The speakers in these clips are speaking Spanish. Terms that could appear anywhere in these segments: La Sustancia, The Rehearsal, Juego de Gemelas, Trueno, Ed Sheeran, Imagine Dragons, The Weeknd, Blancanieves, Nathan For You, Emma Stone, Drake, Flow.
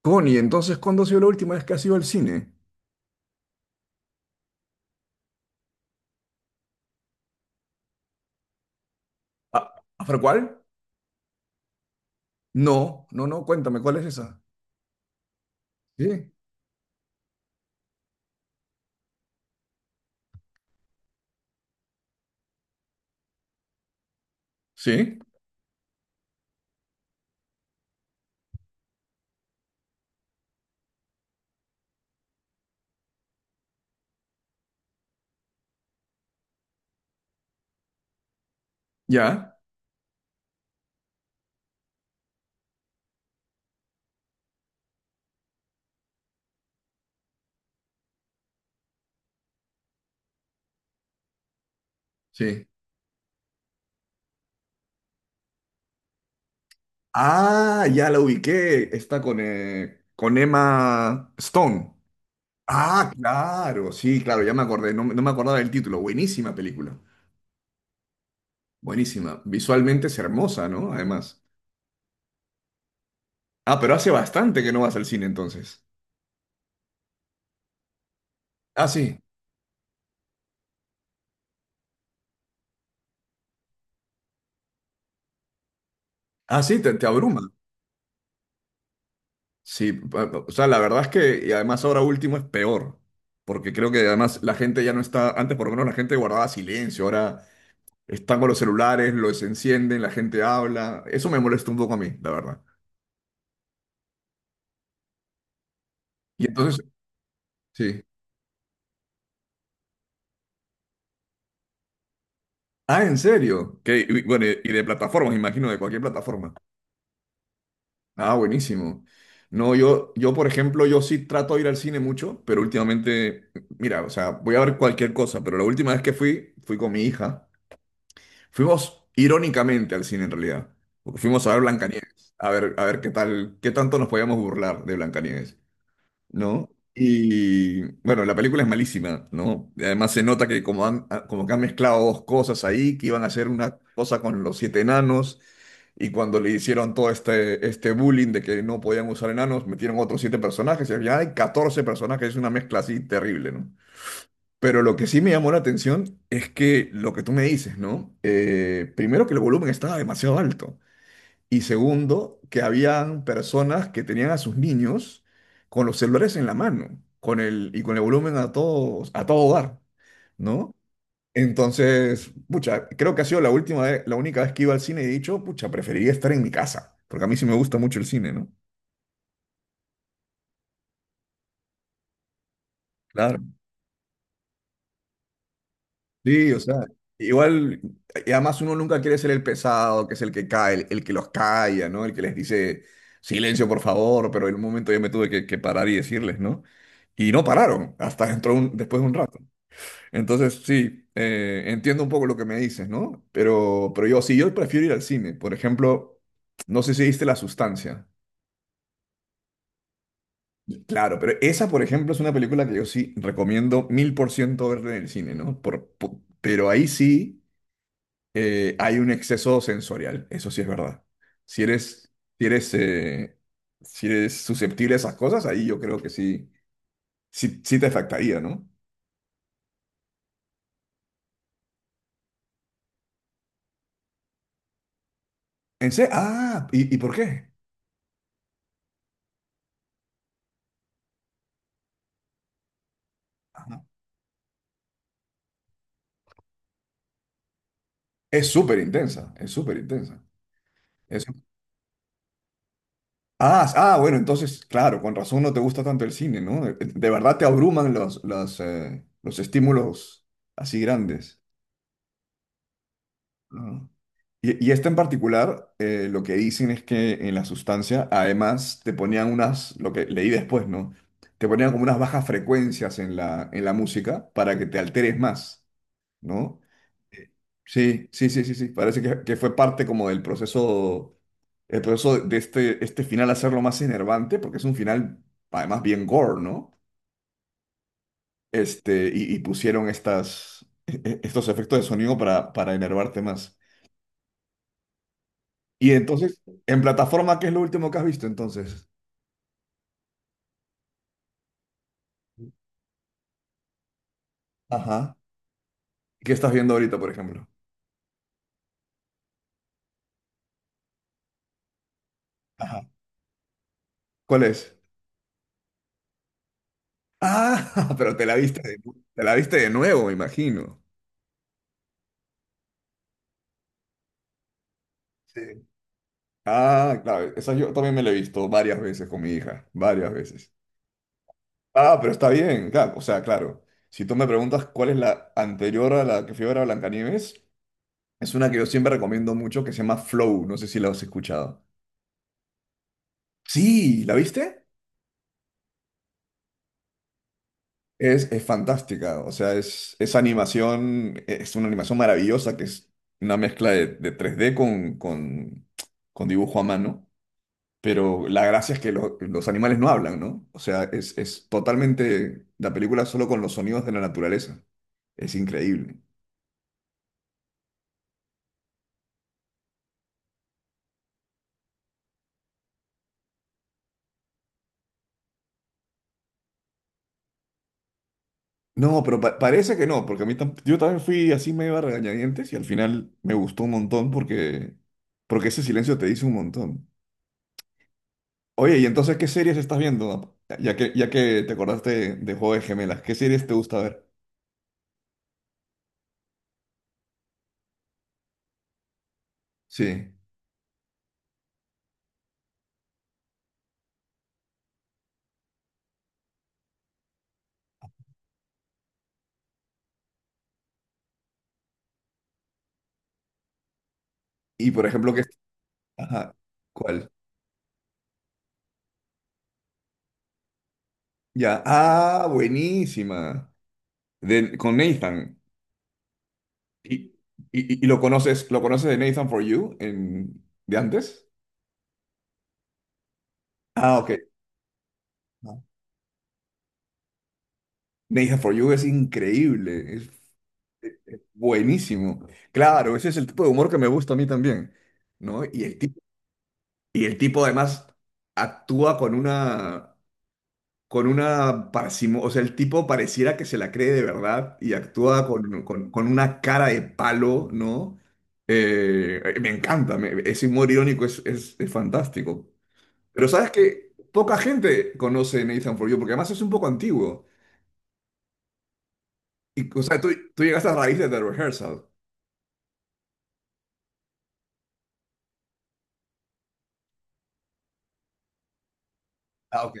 Connie, entonces, ¿cuándo ha sido la última vez que has ido al cine? ¿A, ¿Afra cuál? No, no, no, cuéntame, ¿cuál es esa? Sí, sí, ya, sí. Ah, ya la ubiqué, está con Emma Stone. Ah, claro, sí, claro, ya me acordé, no me acordaba del título, buenísima película, buenísima, visualmente es hermosa, ¿no? Además. Ah, pero hace bastante que no vas al cine entonces. Ah, sí, ah, sí, te abruma. Sí, o sea, la verdad es que, y además ahora último es peor, porque creo que además la gente ya no está, antes por lo menos la gente guardaba silencio, ahora están con los celulares, los encienden, la gente habla, eso me molesta un poco a mí, la verdad. Y entonces, sí. Ah, ¿en serio? Que, y bueno, y de plataformas, imagino, de cualquier plataforma. Ah, buenísimo. No, por ejemplo, yo sí trato de ir al cine mucho, pero últimamente, mira, o sea, voy a ver cualquier cosa, pero la última vez que fui, fui con mi hija. Fuimos irónicamente al cine en realidad, porque fuimos a ver Blancanieves, a ver qué tal, qué tanto nos podíamos burlar de Blancanieves, ¿no? Y bueno, la película es malísima, ¿no? Y Además se nota que como han, ah, como que han mezclado dos cosas ahí, que iban a hacer una cosa con los siete enanos, y cuando le hicieron todo este bullying de que no podían usar enanos, metieron otros siete personajes, y al final hay 14 personajes, es una mezcla así terrible, ¿no? Pero lo que sí me llamó la atención es que lo que tú me dices, ¿no? Primero que el volumen estaba demasiado alto y segundo que habían personas que tenían a sus niños con los celulares en la mano, con el volumen a todos a todo dar, ¿no? Entonces, pucha, creo que ha sido la única vez que iba al cine y he dicho, pucha, preferiría estar en mi casa, porque a mí sí me gusta mucho el cine, ¿no? Claro. Sí, o sea, igual, y además uno nunca quiere ser el pesado, que es el que cae, el que los calla, ¿no? El que les dice, silencio, por favor, pero en un momento yo me tuve que parar y decirles, ¿no? Y no pararon, hasta después de un rato. Entonces, sí, entiendo un poco lo que me dices, ¿no? Pero yo sí, yo prefiero ir al cine. Por ejemplo, no sé si viste La Sustancia. Claro, pero esa, por ejemplo, es una película que yo sí recomiendo mil por ciento verla en el cine, ¿no? Pero ahí sí. Hay un exceso sensorial, eso sí es verdad. Si eres, si eres, eh, si eres susceptible a esas cosas, ahí yo creo que sí, sí, sí te afectaría, ¿no? Ah, y por qué? Ajá. Es súper intensa, es súper intensa. Es- ah, ah, bueno, entonces, claro, con razón no te gusta tanto el cine, ¿no? De verdad te abruman los estímulos así grandes. Ah. Y esta en particular, lo que dicen es que en la sustancia, además, te ponían unas, lo que leí después, ¿no? Te ponían como unas bajas frecuencias en la música para que te alteres más, ¿no? Eh, Sí, sí, sí, sí, sí. Parece que fue parte como del proceso, el proceso de este final hacerlo más enervante, porque es un final, además, bien gore, ¿no? Este, y pusieron estas, estos efectos de sonido para enervarte más. Y entonces, en plataforma, ¿qué es lo último que has visto entonces? Ajá, ¿qué estás viendo ahorita, por ejemplo? Ajá. ¿Cuál es? Ah, pero te la viste de, te la viste de nuevo, me imagino. Sí. Ah, claro, esa yo también me la he visto varias veces con mi hija, varias veces. Ah, pero está bien, claro, o sea, claro. Si tú me preguntas cuál es la anterior a la que fui a ver a Blancanieves, es una que yo siempre recomiendo mucho que se llama Flow, no sé si la has escuchado. Sí, ¿la viste? Es fantástica, o sea, es animación, e, es una animación maravillosa que es una mezcla de tres d con dibujo a mano, pero la gracia es que los animales no hablan, ¿no? O sea, es totalmente la película solo con los sonidos de la naturaleza. Es increíble. No, pero parece que no, porque a mí yo también fui así medio a regañadientes y al final me gustó un montón porque, porque ese silencio te dice un montón. Oye, ¿y entonces qué series estás viendo? Ya que te acordaste de Juego de Gemelas, ¿qué series te gusta ver? Sí. Y por ejemplo, ¿qué? Ajá, ¿cuál? Ya. Ah, buenísima. De, con Nathan. ¿Y, y, y lo conoces de Nathan For You en, de antes? Ah, ok. Ah. Nathan For You es increíble, es buenísimo. Claro, ese es el tipo de humor que me gusta a mí también, ¿no? Y el tipo además actúa con una parsimonia, o sea, el tipo pareciera que se la cree de verdad y actúa con, con una cara de palo, ¿no? Me encanta, ese humor irónico es, es fantástico. Pero sabes que poca gente conoce Nathan For You, porque además es un poco antiguo. Y, o sea, tú llegaste a raíz de The Rehearsal. Ah, ok.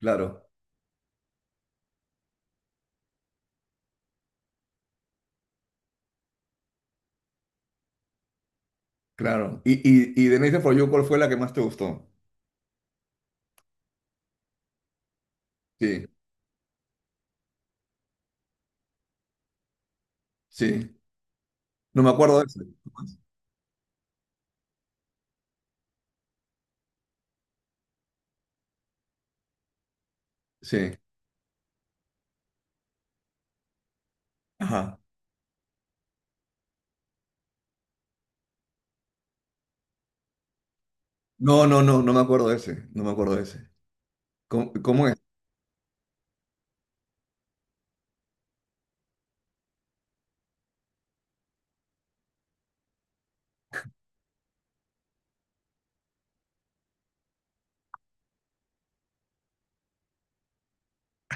Claro, claro. Y de Nathan For You, ¿cuál fue la que más te gustó? Sí, sí. No me acuerdo de ese. Sí. Ajá. No, no, no, no me acuerdo de ese. No me acuerdo de ese. ¿Cómo, cómo es?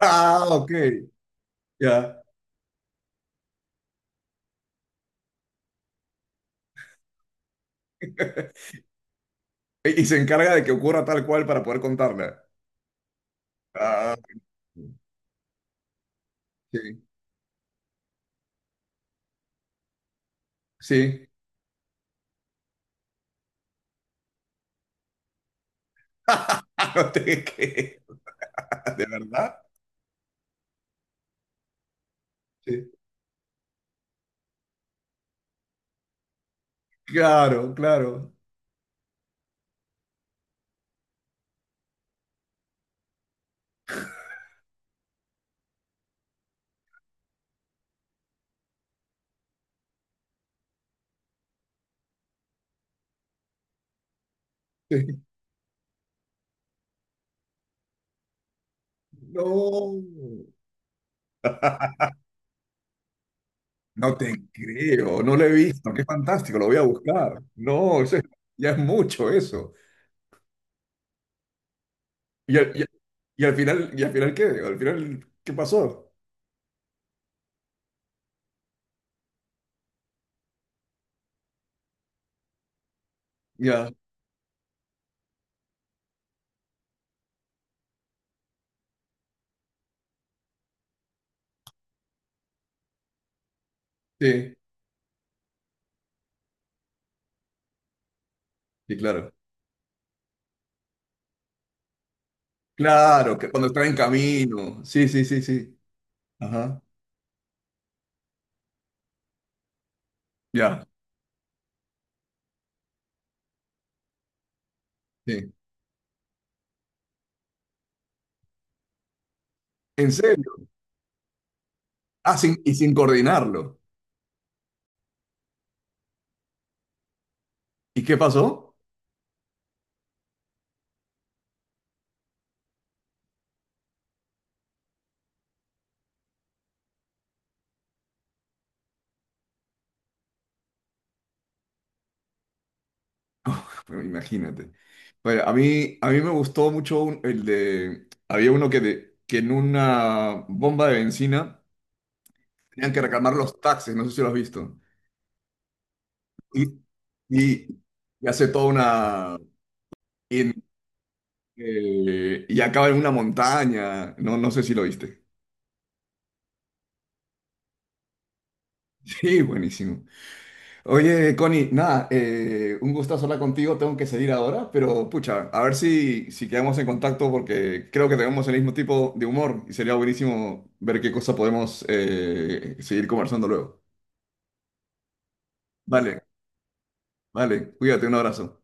Ah, ok, ya. Y y se encarga de que ocurra tal cual para poder contarla. Ah, ok, sí, sí. No te creas, ¿de verdad? Sí. Claro, claro. Sí. No. No te creo, no lo he visto. Qué fantástico, lo voy a buscar. No, eso es- ya es mucho eso. Y al, y- ¿Y al final qué? ¿Al final qué pasó? Ya, sí, sí, claro. Claro, que cuando está en camino. Sí, sí, sí, sí. Ajá. Ya. Sí. ¿En serio? Ah, sin, y sin coordinarlo. ¿Y qué pasó? Bueno, imagínate. Bueno, a mí me gustó mucho el de... Había uno que, que en una bomba de benzina tenían que reclamar los taxis, no sé si lo has visto. Y, y, y hace toda una... Y, y acaba en una montaña. No, no sé si lo viste. Sí, buenísimo. Oye, Connie, nada, un gustazo hablar contigo, tengo que seguir ahora, pero pucha, a ver si, si quedamos en contacto porque creo que tenemos el mismo tipo de humor y sería buenísimo ver qué cosa podemos seguir conversando luego. Vale, vale, cuídate, un abrazo.